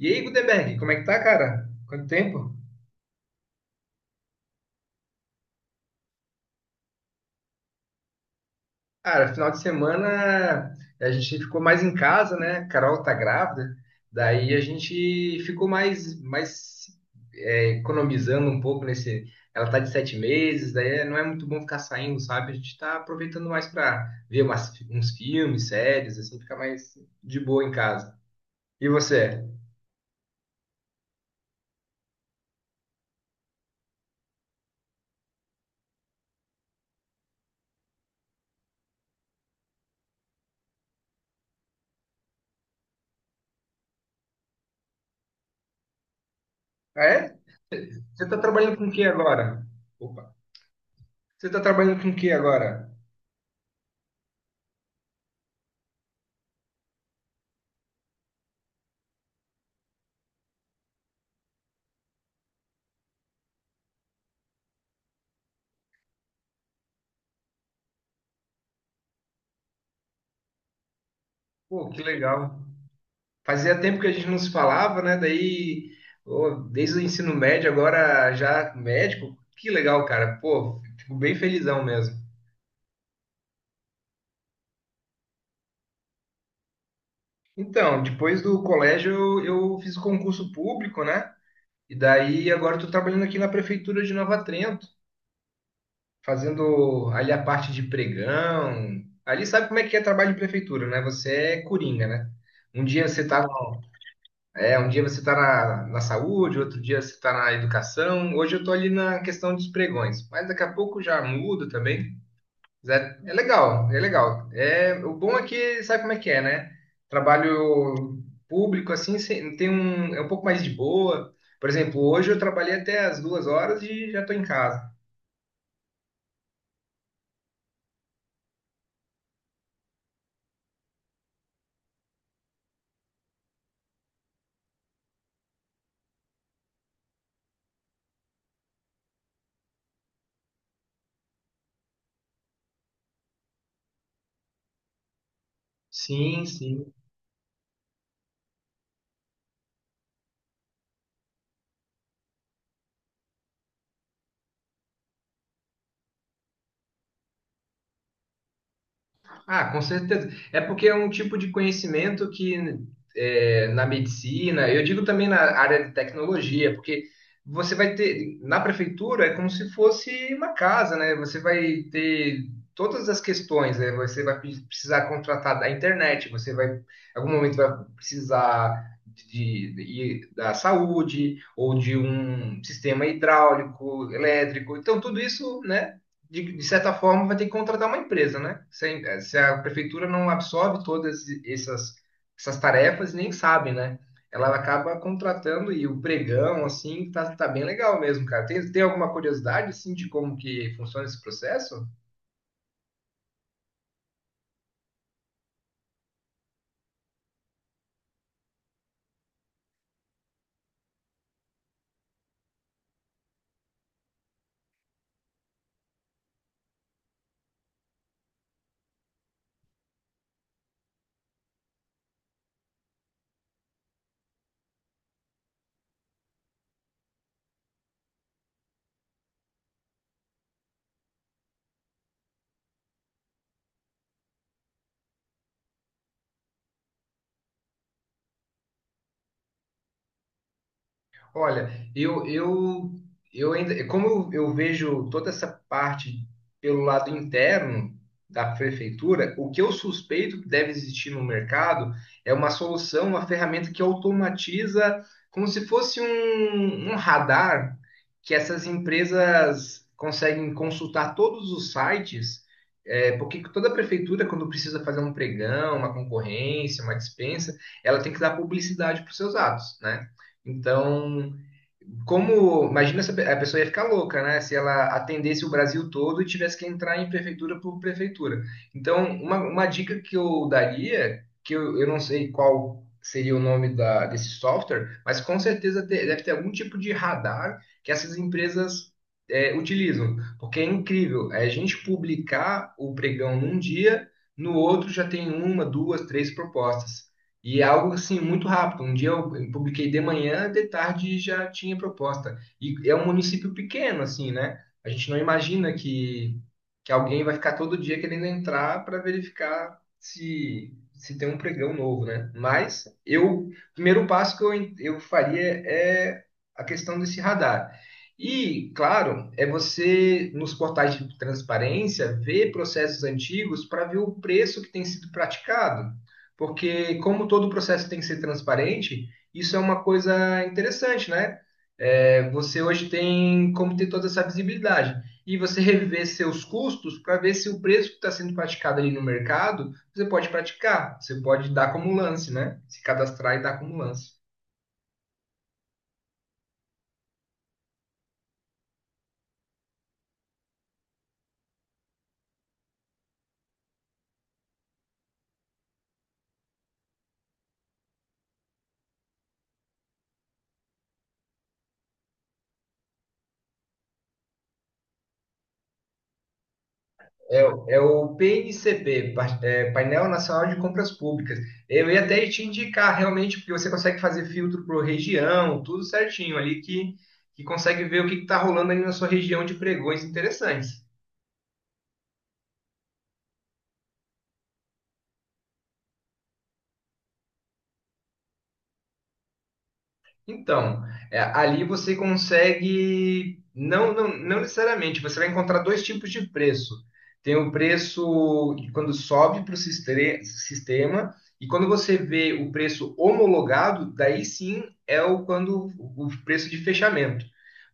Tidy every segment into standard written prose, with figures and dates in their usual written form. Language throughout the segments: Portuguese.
E aí, Gutenberg, como é que tá, cara? Quanto tempo? Cara, final de semana a gente ficou mais em casa, né? A Carol tá grávida, daí a gente ficou mais economizando um pouco nesse. Ela tá de 7 meses, daí não é muito bom ficar saindo, sabe? A gente tá aproveitando mais pra ver uns filmes, séries, assim, ficar mais de boa em casa. E você? Ah, é? Você tá trabalhando com o que agora? Opa! Você tá trabalhando com o que agora? Pô, que legal. Fazia tempo que a gente não se falava, né? Daí, ô, desde o ensino médio, agora já médico. Que legal, cara. Pô, fico bem felizão mesmo. Então, depois do colégio eu fiz o concurso público, né? E daí agora estou trabalhando aqui na prefeitura de Nova Trento, fazendo ali a parte de pregão. Ali sabe como é que é trabalho de prefeitura, né? Você é coringa, né? Um dia você tá É, um dia você está na, saúde, outro dia você está na educação. Hoje eu estou ali na questão dos pregões, mas daqui a pouco já mudo também. Mas é legal, é legal. O bom é que sabe como é que é, né? Trabalho público assim é um pouco mais de boa. Por exemplo, hoje eu trabalhei até as 2 horas e já estou em casa. Sim, sim. Ah, com certeza. É porque é um tipo de conhecimento que na medicina, eu digo também na área de tecnologia, porque você vai ter, na prefeitura é como se fosse uma casa, né? Você vai ter todas as questões, né? Você vai precisar contratar da internet, você vai, em algum momento vai precisar de, da saúde ou de um sistema hidráulico, elétrico. Então, tudo isso, né? De certa forma, vai ter que contratar uma empresa, né? Se a prefeitura não absorve todas essas tarefas, nem sabe, né? Ela acaba contratando e o pregão, assim, tá, tá bem legal mesmo, cara. Tem alguma curiosidade, assim, de como que funciona esse processo? Olha, eu ainda, como eu vejo toda essa parte pelo lado interno da prefeitura, o que eu suspeito que deve existir no mercado é uma solução, uma ferramenta que automatiza, como se fosse um radar que essas empresas conseguem consultar todos os sites, porque toda prefeitura, quando precisa fazer um pregão, uma concorrência, uma dispensa, ela tem que dar publicidade para os seus atos, né? Então, como, imagina se a pessoa ia ficar louca, né? Se ela atendesse o Brasil todo e tivesse que entrar em prefeitura por prefeitura. Então, uma dica que eu daria, que eu não sei qual seria o nome desse software, mas com certeza deve ter algum tipo de radar que essas empresas utilizam. Porque é incrível, é a gente publicar o pregão num dia, no outro já tem uma, duas, três propostas. E é algo assim muito rápido. Um dia eu publiquei de manhã, de tarde já tinha proposta. E é um município pequeno, assim, né? A gente não imagina que alguém vai ficar todo dia querendo entrar para verificar se tem um pregão novo, né? Mas eu, o primeiro passo que eu faria é a questão desse radar. E, claro, é você, nos portais de transparência, ver processos antigos para ver o preço que tem sido praticado porque como todo o processo tem que ser transparente, isso é uma coisa interessante, né? Você hoje tem como ter toda essa visibilidade e você rever seus custos para ver se o preço que está sendo praticado ali no mercado você pode praticar, você pode dar como lance, né? Se cadastrar e dar como lance. É o PNCP, Painel Nacional de Compras Públicas. Eu ia até te indicar realmente, porque você consegue fazer filtro por região, tudo certinho ali, que consegue ver o que está rolando ali na sua região de pregões interessantes. Então, ali você consegue, não, não, não necessariamente, você vai encontrar dois tipos de preço. Tem o preço de quando sobe para o sistema, e quando você vê o preço homologado, daí sim é o quando o preço de fechamento.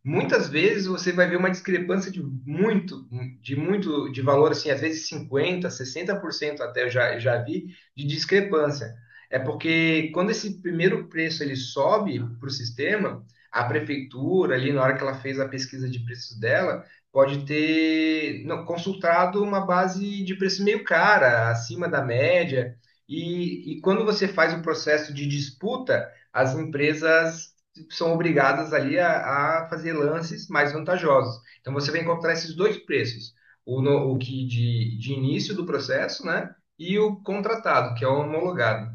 Muitas vezes você vai ver uma discrepância de valor, assim, às vezes 50, 60% até eu já vi, de discrepância. É porque quando esse primeiro preço ele sobe para o sistema, a prefeitura, ali na hora que ela fez a pesquisa de preços dela, pode ter não, consultado uma base de preço meio cara, acima da média. E quando você faz o processo de disputa, as empresas são obrigadas ali a fazer lances mais vantajosos. Então você vai encontrar esses dois preços, o, no- o que de início do processo, né? E o contratado, que é o homologado.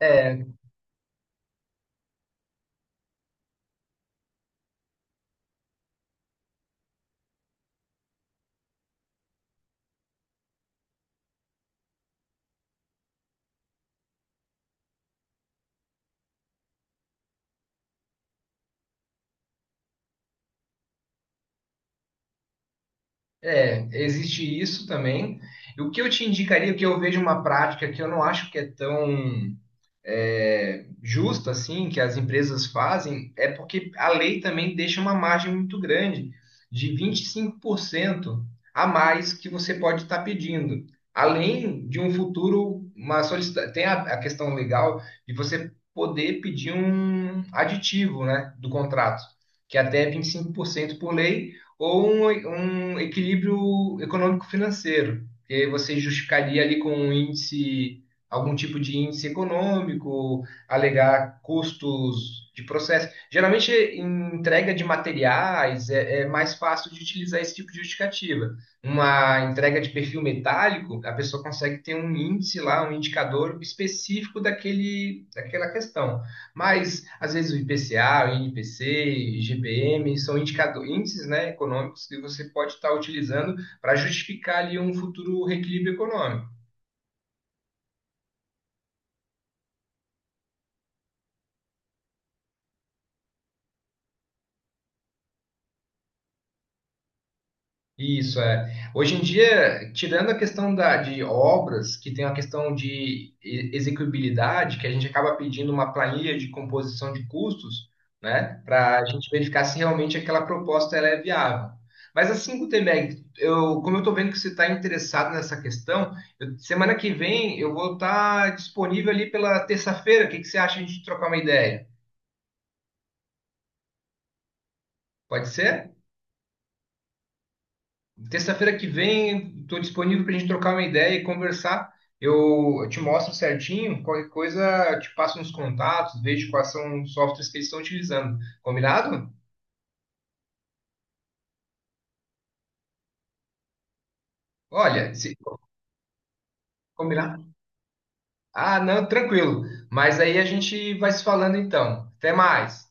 É, existe isso também. E o que eu te indicaria, que eu vejo uma prática que eu não acho que é tão justa assim que as empresas fazem é porque a lei também deixa uma margem muito grande de 25% a mais que você pode estar pedindo. Além de um futuro, tem a questão legal de você poder pedir um aditivo, né, do contrato, que é até 25% por cento por lei, ou um equilíbrio econômico-financeiro, que você justificaria ali com um índice, algum tipo de índice econômico, alegar custos de processo. Geralmente, em entrega de materiais, é mais fácil de utilizar esse tipo de justificativa. Uma entrega de perfil metálico, a pessoa consegue ter um índice lá, um indicador específico daquele, daquela questão. Mas, às vezes, o IPCA, o INPC, GPM, são indicador, índices, né, econômicos que você pode estar utilizando para justificar ali um futuro reequilíbrio econômico. Isso é. Hoje em dia, tirando a questão da, de obras, que tem a questão de execuibilidade, que a gente acaba pedindo uma planilha de composição de custos, né, para a gente verificar se realmente aquela proposta ela é viável. Mas assim, Gutenberg, eu, como eu estou vendo que você está interessado nessa questão, semana que vem eu vou estar disponível ali pela terça-feira. O que que você acha de a gente trocar uma ideia? Pode ser? Terça-feira que vem, estou disponível para a gente trocar uma ideia e conversar. Eu te mostro certinho, qualquer coisa, eu te passo uns contatos, vejo quais são os softwares que eles estão utilizando. Combinado? Olha, se combinado. Ah, não, tranquilo. Mas aí a gente vai se falando então. Até mais.